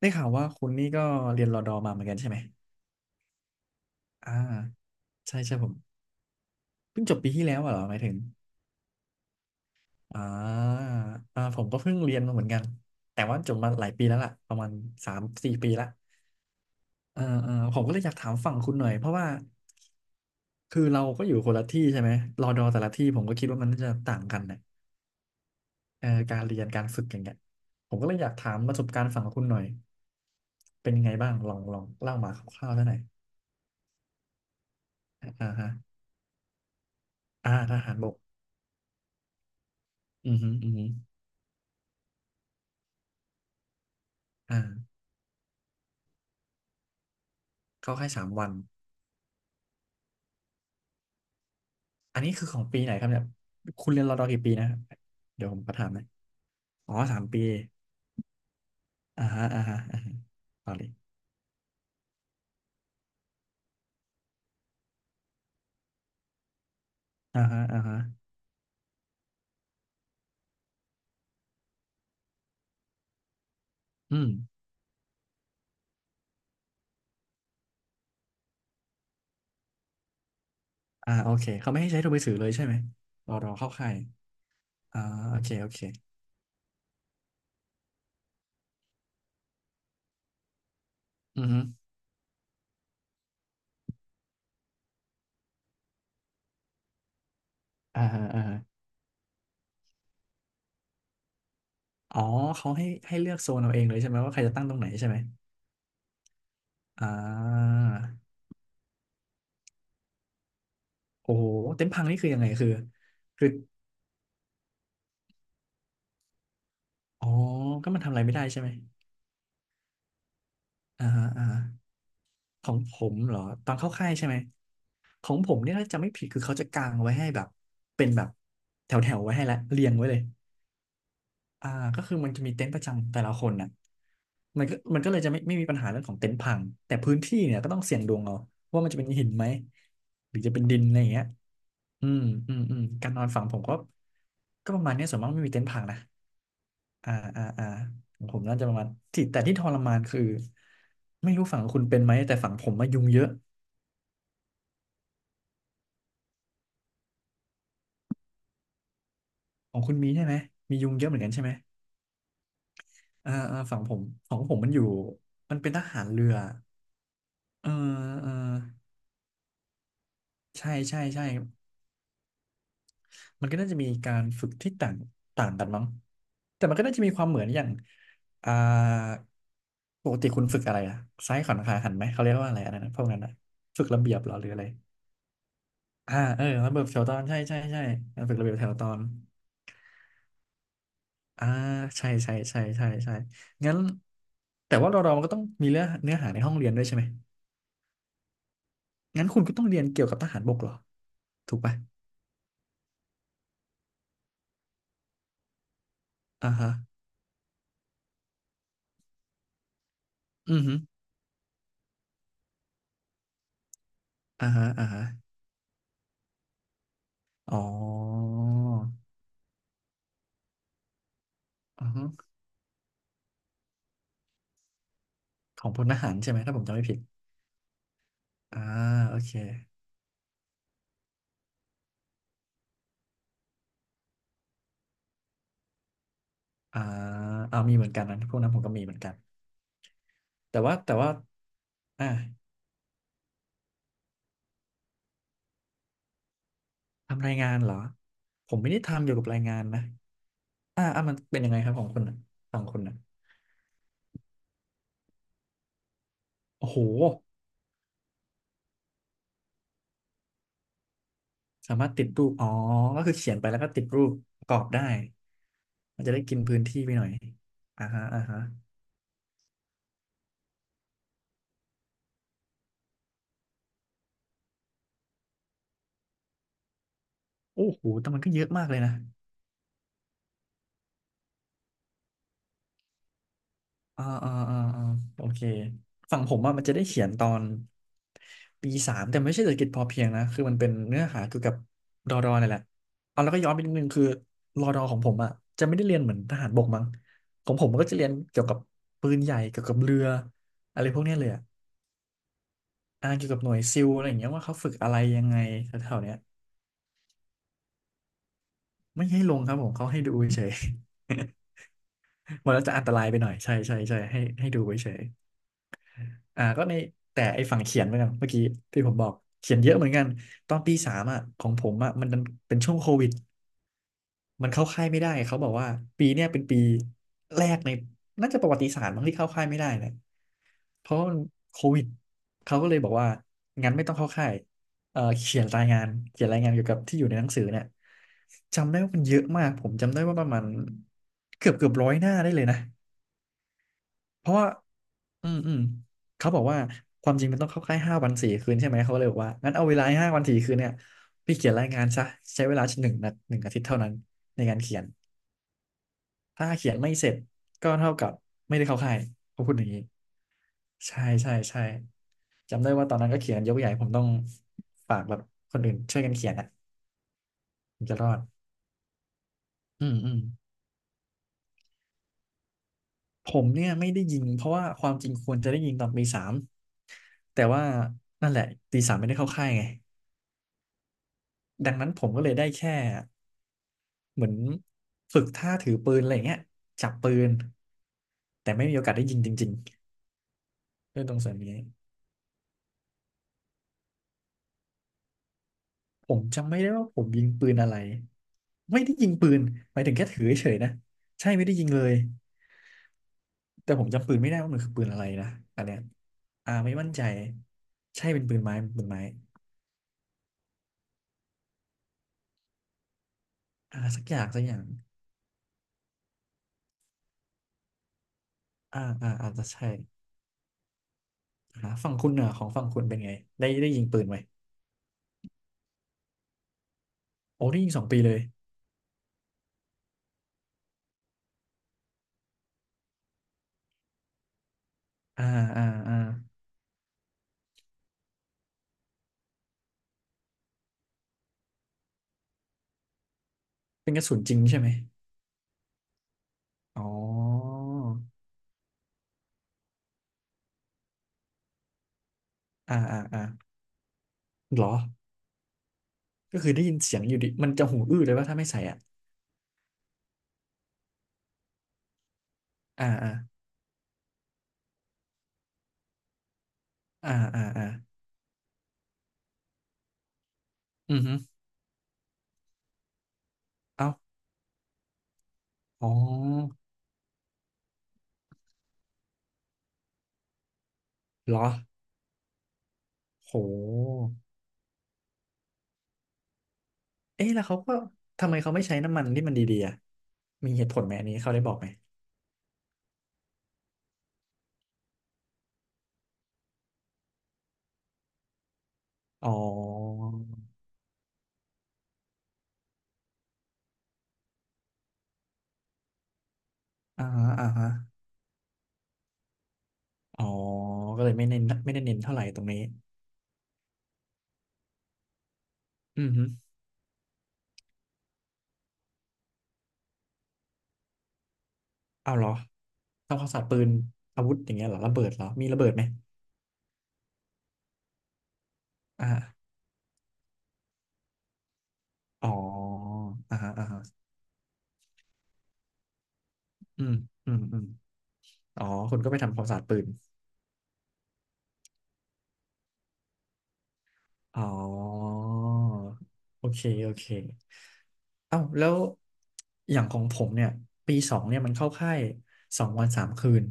ได้ข่าวว่าคุณนี่ก็เรียนรอดอมาเหมือนกันใช่ไหมอ่า ใช่ใช่ผมเพิ่งจบปีที่แล้วอะเหรอหมายถึงอ่าอ่าผมก็เพิ่งเรียนมาเหมือนกัน แต่ว่าจบมาหลายปีแล้วล่ะประมาณสามสี่ปีละเออเออผมก็เลยอยากถามฝั่งคุณหน่อยเพราะว่าคือเราก็อยู่คนละที่ใช่ไหมรอดอแต่ละที่ผมก็คิดว่ามันน่าจะต่างกันนะเออการเรียนการฝึกอย่างเงี้ยผมก็เลยอยากถามประสบการณ์ฝั่งคุณหน่อยเป็นยังไงบ้างลองลองเล่ามาคร่าวๆได้หน่อยอ่าฮะอ่าทหารบกอือฮึอือฮึอ่า เก็าค่ายสามวัน อันนี้คือของปีไหนครับเนี่ยคุณเรียนรอดอกี่ปีนะครับเดี๋ยวผมก็ถามหนะอยอ๋อสามปีอ่าฮะอ่าฮะอ่าฮะต่อเลยอ่าฮะอ่าฮะอืมอ่าโอเคเขาไม่ให้ใช้โทรมือถือเลยใช่ไหมรอดอเข้าค่ายอ่าโอเคโอเคอือฮึอ่าฮะอ่าฮะอ๋อเขาให้ให้เลือกโซนเอาเองเลยใช่ไหมว่าใครจะตั้งตรงไหนใช่ไหมอ่าโอ้โหเต็นท์พังนี่คือยังไงคือคืออ๋อก็มันทำอะไรไม่ได้ใช่ไหมอ่าฮะอ่าฮะ ของผมเหรอตอนเข้าค่ายใช่ไหมของผมเนี่ยถ้าจะไม่ผิดคือเขาจะกางไว้ให้แบบเป็นแบบแถวแถวไว้ให้แล้วเรียงไว้เลยอ่าก็คือมันจะมีเต็นท์ประจำแต่ละคนน่ะมันก็เลยจะไม่มีปัญหาเรื่องของเต็นท์พังแต่พื้นที่เนี่ยก็ต้องเสี่ยงดวงเอาว่ามันจะเป็นหินไหมหรือจะเป็นดินอะไรอย่างเงี้ยอืมอืมอืมการนอนฝั่งผมก็ก็ประมาณเนี้ยส่วนมากไม่มีเต็นท์พังนะอ่าอ่าอ่าของผมน่าจะประมาณที่แต่ที่ทรมานคือไม่รู้ฝั่งคุณเป็นไหมแต่ฝั่งผมมายุงเยอะ ของคุณมีใช่ไหมมียุงเยอะเหมือนกันใช่ไหมอ่าอ่าฝั่งผมของผมมันอยู่มันเป็นทหารเรือเออเออใช่ใช่ใช่มันก็น่าจะมีการฝึกที่ต่างต่างกันมั้ง แต่มันก็น่าจะมีความเหมือนอย่างอ่าปกติคุณฝึกอะไรอะซ้ายขวัญขาหันไหมเขาเรียกว่าอะไรอันนั้นนะพวกนั้นนะฝึกระเบียบเหรอหรืออะไรอ่าเออระเบียบแถวตอนใช่ใช่ใช่การฝึกระเบียบแถวตอนอ่าใช่ใช่ใช่ใช่ใช่งั้นแต่ว่าเราเรามันก็ต้องมีเนื้อหาในห้องเรียนด้วยใช่ไหม งั้นคุณก็ต้องเรียนเกี่ยวกับทหารบกเหรอถูกปะอ่าฮะอือฮึอ่าฮะอ่าฮะอ๋ออือฮึของพลทหารใช่ไหมถ้าผมจำไม่ผิดอ่าโอเคอ่าเอ่ามีเหมือนกันนะพวกนั้นผมก็มีเหมือนกันแต่ว่าอ่าทำรายงานเหรอผมไม่ได้ทำเกี่ยวกับรายงานนะอ่าอ่ามันเป็นยังไงครับของคุณน่ะฝั่งคุณนะโอ้โหสามารถติดรูปอ๋อก็คือเขียนไปแล้วก็ติดรูปประกอบได้มันจะได้กินพื้นที่ไปหน่อยอ่าฮะอ่าฮะ โอ้โหแต่มันก็เยอะมากเลยนะอ่าอ่าอ่าอ่าโอเคฝั่งผมอะมันจะได้เขียนตอนปีสามแต่ไม่ใช่เศรษฐกิจพอเพียงนะ คือมันเป็นเนื้อหาเกี่ยวกับรอดอนี่นแหละเอาแล้วก็ย้อนไปนิดนึงคือรอดอของผมอ่ะจะไม่ได้เรียนเหมือนทหารบกมั้งของผมมันก็จะเรียนเกี่ยวกับปืนใหญ่ เกี่ยวกับเรืออะไรพวกเนี้ยเลยอะอ่าเกี่ยวกับหน่วยซิลอะไรอย่างเงี้ยว่าเขาฝึกอะไรยังไงแถวๆเนี้ยไม่ให้ลงครับผมเขาให้ดูเฉย มันแล้วจะอันตรายไปหน่อยใช่ใช่ใช่ให้ให้ดูไว้เฉย อ่าก็ในแต่ไอ้ฝั่งเขียนเหมือนกันเมื่อกี้ที่ผมบอกเขียนเยอะเหมือนกันตอนปีสามอ่ะของผมอ่ะมันดันเป็นช่วงโควิดมันเข้าค่ายไม่ได้เขาบอกว่าปีเนี้ยเป็นปีแรกในน่าจะประวัติศาสตร์มั้งที่เข้าค่ายไม่ได้เนี่ยเพราะมันโควิดเขาก็เลยบอกว่างั้นไม่ต้องเข้าค่ายเอ่อเขียนรายงานเขียนรายงานเกี่ยวกับที่อยู่ในหนังสือเนี่ยจำได้ว่ามันเยอะมากผมจำได้ว่าประมาณเกือบร้อยหน้าได้เลยนะ เพราะว่าอืมอืมเขาบอกว่าความจริงมันต้องเข้าค่ายห้าวันสี่คืนใช่ไหมเขาเลยบอกว่างั้นเอาเวลาห้าวันสี่คืนเนี่ยพี่เขียนรายงานซะใช้เวลาหนึ่งอาทิตย์เท่านั้นในการเขียนถ้าเขียนไม่เสร็จก็เท่ากับไม่ได้เข้าค่ายเขาพูดอย่างนี้ใช่ใช่ใช่จำได้ว่าตอนนั้นก็เขียนยกใหญ่ผมต้องฝากแบบคนอื่นช่วยกันเขียนอ่ะผมจะรอดอืมอืมผมเนี่ยไม่ได้ยิงเพราะว่าความจริงควรจะได้ยิงตอนปีสามแต่ว่านั่นแหละตีสามไม่ได้เข้าค่ายไง ดังนั้นผมก็เลยได้แค่เหมือนฝึกท่าถือปืนอะไรเงี้ยจับปืนแต่ไม่มีโอกาสได้ยิงจริงๆด้วยตรงส่วนนี้ผมจำไม่ได้ว่าผมยิงปืนอะไรไม่ได้ยิงปืนหมายถึงแค่ถือเฉยๆนะใช่ไม่ได้ยิงเลยแต่ผมจำปืนไม่ได้ว่ามันคือปืนอะไรนะอันเนี้ยไม่มั่นใจใช่เป็นปืนไม้เป็นปืนไม้สักอย่างสักอย่างอาจจะใช่ฝั่งคุณเน่ะของฝั่งคุณเป็นไงได้ได้ยิงปืนไหมโอ้ได้ยิงสองปีเลยอ่าอ่าอ่า เป็นกระสุนจริงใช่ไหมอ๋ออ่าอ่าอ่าเหรอก็คือได้ยินเสียงอยู่ดิ มันจะหูอื้อเลยว่าถ้าไม่ใส่อ่ะอ่าอ่าอ่าอ่าอ่าอือฮึเอ้าอ๋อเหรอโหเอ๊ะแล้วเขาก็ทำไมเขาไม่ใช้น้ำมันที่มันดีๆอ่ะมีเหตุผลไหมอันนี้เขาได้บอกไหมอ๋ออ่าฮะอ่าฮะอ๋อก็เลยไม่เน้นไม่ได้เน้นเท่าไหร่ตรงนี้อือฮึเอาเหรอทำความสะอาดปืนอาวุธอย่างเงี้ยเหรอระเบิดเหรอมีระเบิดไหมอ่า อ๋ออ่าฮะอ่าฮะอืมอืมอืมอ๋อ คุณก็ไปทำความสะอาดปืน อ๋อ โอเค โอเค เอ้า แล้วอย่างของผมเนี่ย ปีสองเนี่ยมันเข้าค่ายสองวันสามคืน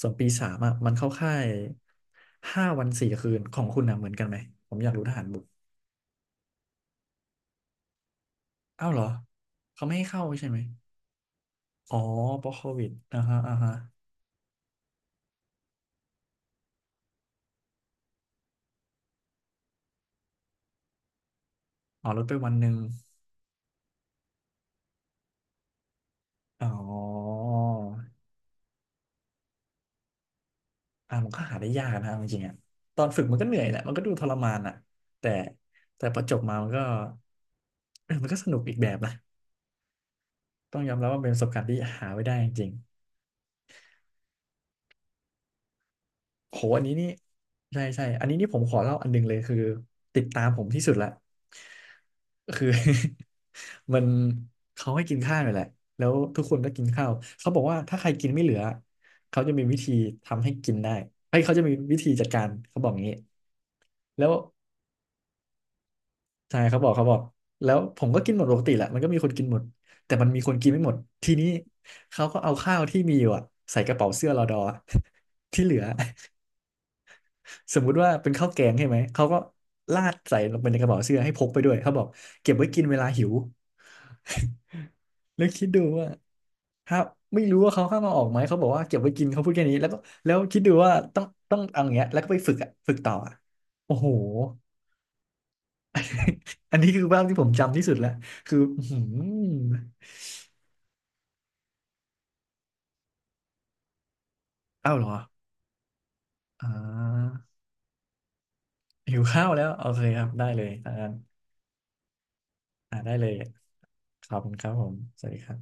ส่วนปีสามอ่ะมันเข้าค่ายห้าวันสี่คืนของคุณนะเหมือนกันไหม ผมอยากรู้ทหารบกเอ้าเหรอเขาไม่ให้เข้าใช่ไหม อ๋อเพราะโควิดอ่าฮะอ่าฮะอ๋อลดไปวันหนึ่งอ๋อ อ่ามันก็หาได้ยากนะเอาจริงๆอ่ะตอนฝึกมันก็เหนื่อยแหละมันก็ดูทรมานอ่ะแต่แต่พอจบมามันก็เออมันก็สนุกอีกแบบนะต้องยอมรับว่าเป็นประสบการณ์ที่หาไว้ได้จริงๆโหอันนี้นี่ใช่ใช่อันนี้นี่ผมขอเล่าอันหนึงเลยคือติดตามผมที่สุดละคือ มันเขาให้กินข้าวอยู่แหละแล้วทุกคนก็กินข้าวเขาบอกว่าถ้าใครกินไม่เหลือเขาจะมีวิธีทำให้กินได้ไอ้ยเขาจะมีวิธีจัดการเขาบอกงี้แล้ว ใช่เขาบอกเขาบอกแล้วผมก็กินหมดปกติแหละมันก็มีคนกินหมดแต่มันมีคนกินไม่หมดทีนี้เขาก็เอาข้าวที่มีอยู่อะใส่กระเป๋าเสื้อรอดอ ที่เหลือสมมุติว่าเป็นข้าวแกงใช่ไหมเขาก็ราดใส่ลงไปในกระเป๋าเสื้อให้พกไปด้วยเขาบอกเก็บไว้กินเวลาหิวแล้วคิดดูว่าถ้าไม่รู้ว่าเขาห้ามเอาออกไหมเขาบอกว่าเก็บไว้กินเขาพูดแค่นี้แล้วก็แล้วคิดดูว่าต้องเอาอย่างเงี้ยแล้วก็ไปฝึกอะฝึกต่ออะโอ้โห อันนี้คือภาพที่ผมจำที่สุดแล้วคืออื้อหืออ้าวเหรอ อ่าหิวข้าวแล้วโอเคครับ ได้เลยถ้างั้นอ่าได้เลย ขอบคุณครับผม สวัสดีครับ